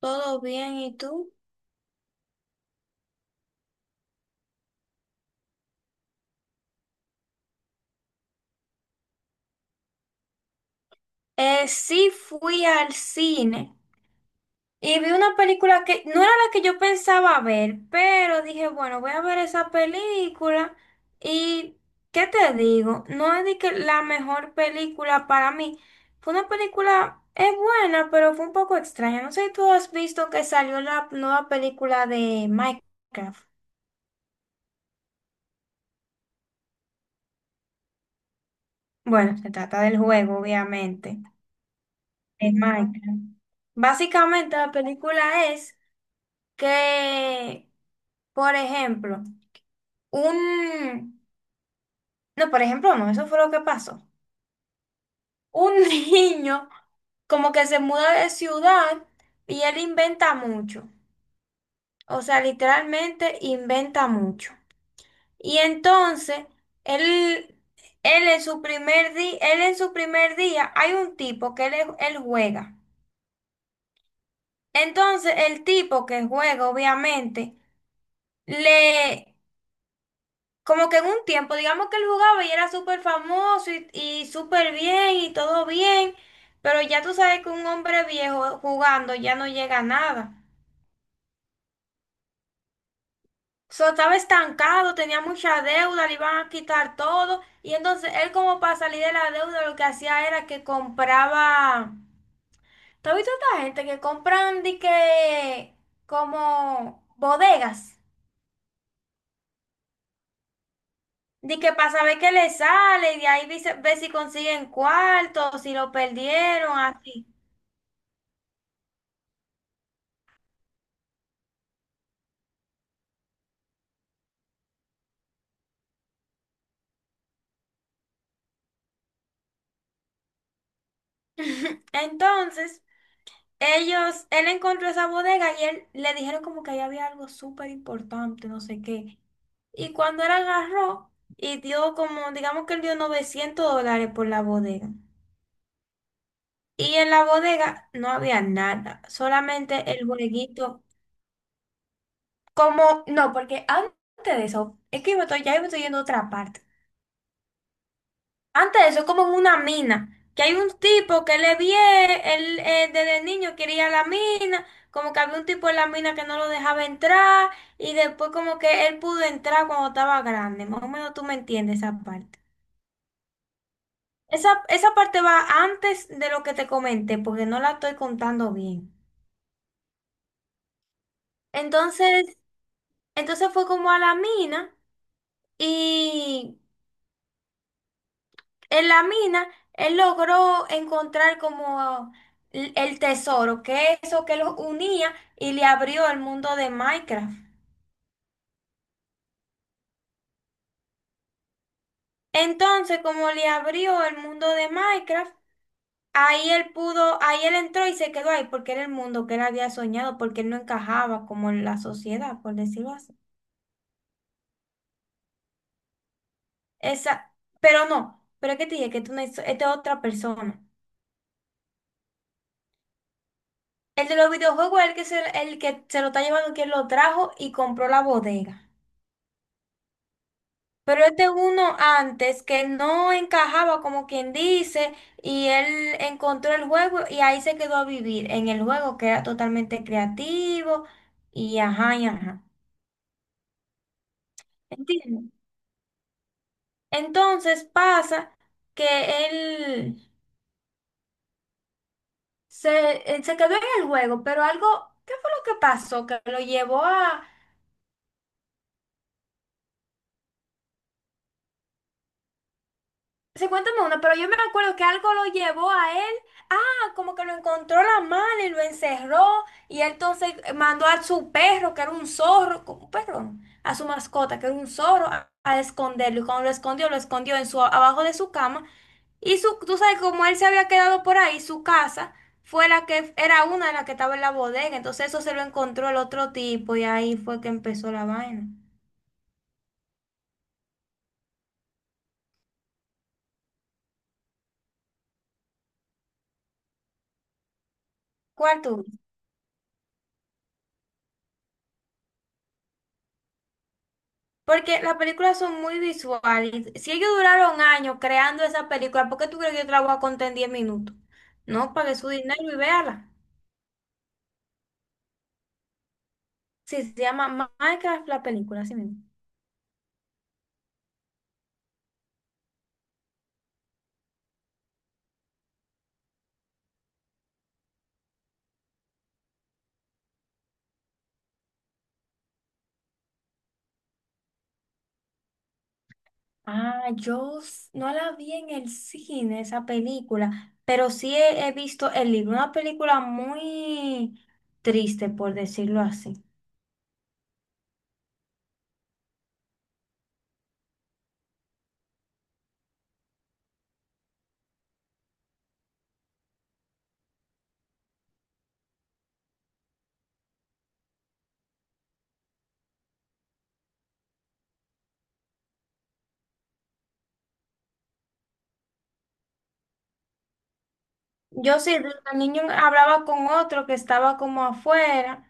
Todo bien, ¿y tú? Sí fui al cine y vi una película que no era la que yo pensaba ver, pero dije, bueno, voy a ver esa película y ¿qué te digo? No es de que la mejor película para mí. Fue una película, es buena, pero fue un poco extraña. No sé si tú has visto que salió la nueva película de Minecraft. Bueno, se trata del juego, obviamente. En Minecraft. Básicamente la película es que, por ejemplo, un... No, por ejemplo, no, eso fue lo que pasó. Un niño como que se muda de ciudad y él inventa mucho. O sea, literalmente inventa mucho. Y entonces, él, él en su primer día, hay un tipo que él juega. Entonces, el tipo que juega, obviamente, le, como que en un tiempo, digamos que él jugaba y era súper famoso y súper bien y todo bien, pero ya tú sabes que un hombre viejo jugando ya no llega a nada. So, estaba estancado, tenía mucha deuda, le iban a quitar todo y entonces él como para salir de la deuda lo que hacía era que compraba... ¿Tú has visto esta gente que compran de que como bodegas? Di que para saber qué le sale, y de ahí dice, ve si consiguen cuarto, si lo perdieron, así. Entonces, ellos, él encontró esa bodega y él le dijeron como que ahí había algo súper importante, no sé qué. Y cuando él agarró y dio como, digamos que él dio $900 por la bodega. Y en la bodega no había nada, solamente el bodeguito. Como, no, porque antes de eso, es que ya yo me estoy yendo a otra parte. Antes de eso, es como en una mina, que hay un tipo que le vie, él desde niño quería la mina, como que había un tipo en la mina que no lo dejaba entrar, y después como que él pudo entrar cuando estaba grande, más o menos tú me entiendes esa parte. Esa parte va antes de lo que te comenté, porque no la estoy contando bien. Entonces, entonces fue como a la mina y en la mina, él logró encontrar como el tesoro, que es eso que los unía y le abrió el mundo de Minecraft. Entonces, como le abrió el mundo de Minecraft, ahí él pudo, ahí él entró y se quedó ahí porque era el mundo que él había soñado, porque él no encajaba como en la sociedad, por decirlo así. Esa, pero no, pero es que te dije que tú no, esta es otra persona. El de los videojuegos es el que se lo está llevando, quien lo trajo y compró la bodega. Pero este uno antes que no encajaba como quien dice y él encontró el juego y ahí se quedó a vivir en el juego que era totalmente creativo y ajá y ajá. ¿Entiendes? Entonces pasa que él él se quedó en el juego, pero algo, ¿qué fue lo que pasó? Que lo llevó a, sí, cuéntame una, pero yo me acuerdo que algo lo llevó a él, ah, como que lo encontró la mala y lo encerró, y él entonces mandó a su perro, que era un zorro, perdón, a su mascota, que era un zorro, a esconderlo, y cuando lo escondió en su, abajo de su cama, y su, tú sabes, como él se había quedado por ahí, su casa fue la que, era una de las que estaba en la bodega, entonces eso se lo encontró el otro tipo, y ahí fue que empezó la vaina. ¿Cuál tú? Porque las películas son muy visuales. Si ellos duraron años creando esa película, ¿por qué tú crees que yo te la voy a contar en 10 minutos? No, pague su dinero y véala. Sí, se llama Minecraft la película, así mismo. Ah, no la vi en el cine, esa película, pero he visto el libro, una película muy triste, por decirlo así. Yo sí, el niño hablaba con otro que estaba como afuera.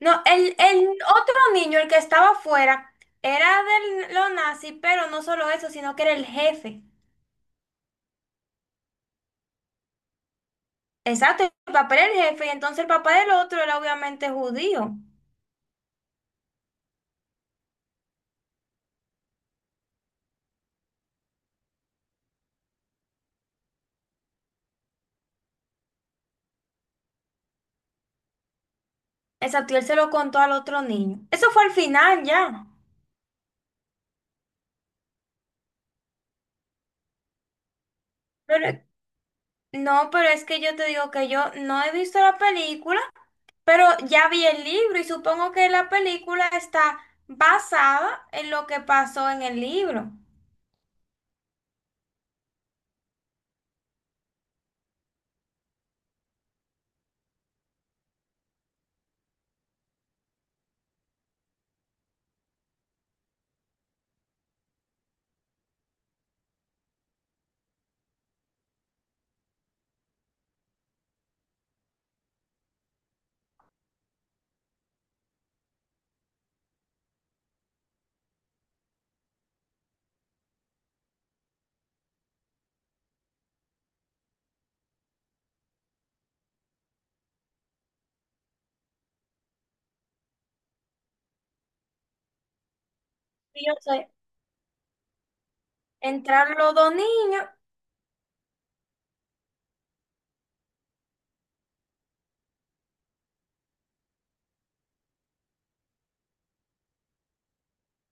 No, el otro niño, el que estaba afuera, era de los nazis, pero no solo eso, sino que era el jefe. Exacto, el papá era el jefe, y entonces el papá del otro era obviamente judío. Exacto, y él se lo contó al otro niño. Eso fue al final ya. Pero, no, pero es que yo te digo que yo no he visto la película, pero ya vi el libro y supongo que la película está basada en lo que pasó en el libro. Y yo sé, entraron los dos niños.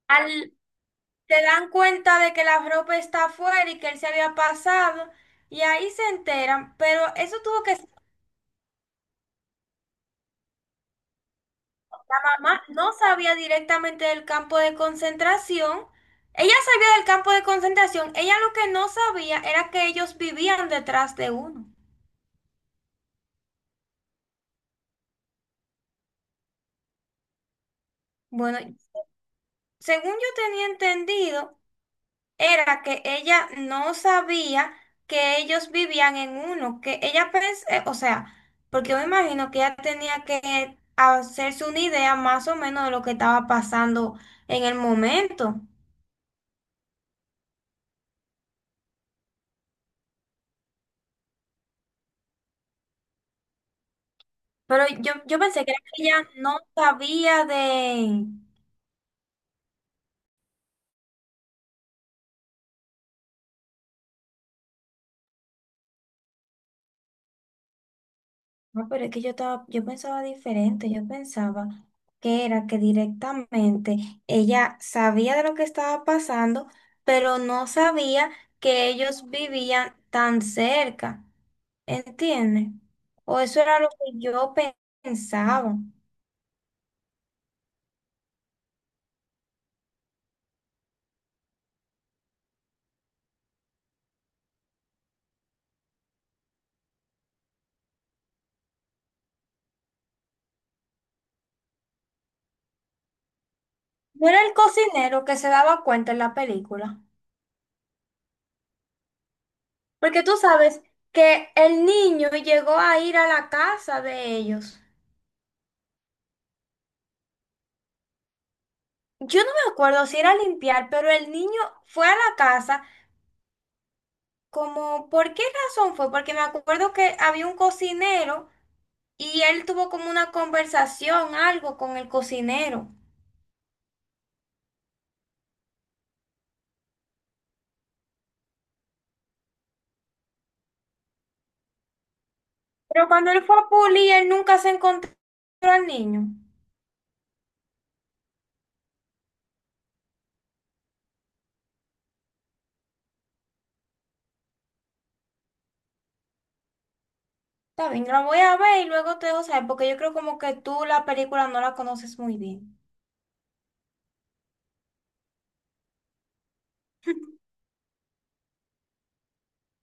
Al se dan cuenta de que la ropa está afuera y que él se había pasado, y ahí se enteran, pero eso tuvo que ser, la mamá no sabía directamente del campo de concentración, ella sabía del campo de concentración, ella lo que no sabía era que ellos vivían detrás de uno. Bueno, según yo tenía entendido, era que ella no sabía que ellos vivían en uno, que ella pensé, o sea, porque yo me imagino que ella tenía que hacerse una idea más o menos de lo que estaba pasando en el momento. Pero yo pensé que era que ella no sabía de, no, pero es que yo estaba, yo pensaba diferente, yo pensaba que era que directamente ella sabía de lo que estaba pasando, pero no sabía que ellos vivían tan cerca, ¿entiendes? O eso era lo que pensaba. No era el cocinero que se daba cuenta en la película, porque tú sabes que el niño llegó a ir a la casa de ellos. Yo no me acuerdo si era a limpiar, pero el niño fue a la casa. Como, ¿por qué razón fue? Porque me acuerdo que había un cocinero y él tuvo como una conversación, algo con el cocinero. Pero cuando él fue a Puli, él nunca se encontró al niño. Está bien, la voy a ver y luego te dejo saber, porque yo creo como que tú la película no la conoces muy bien.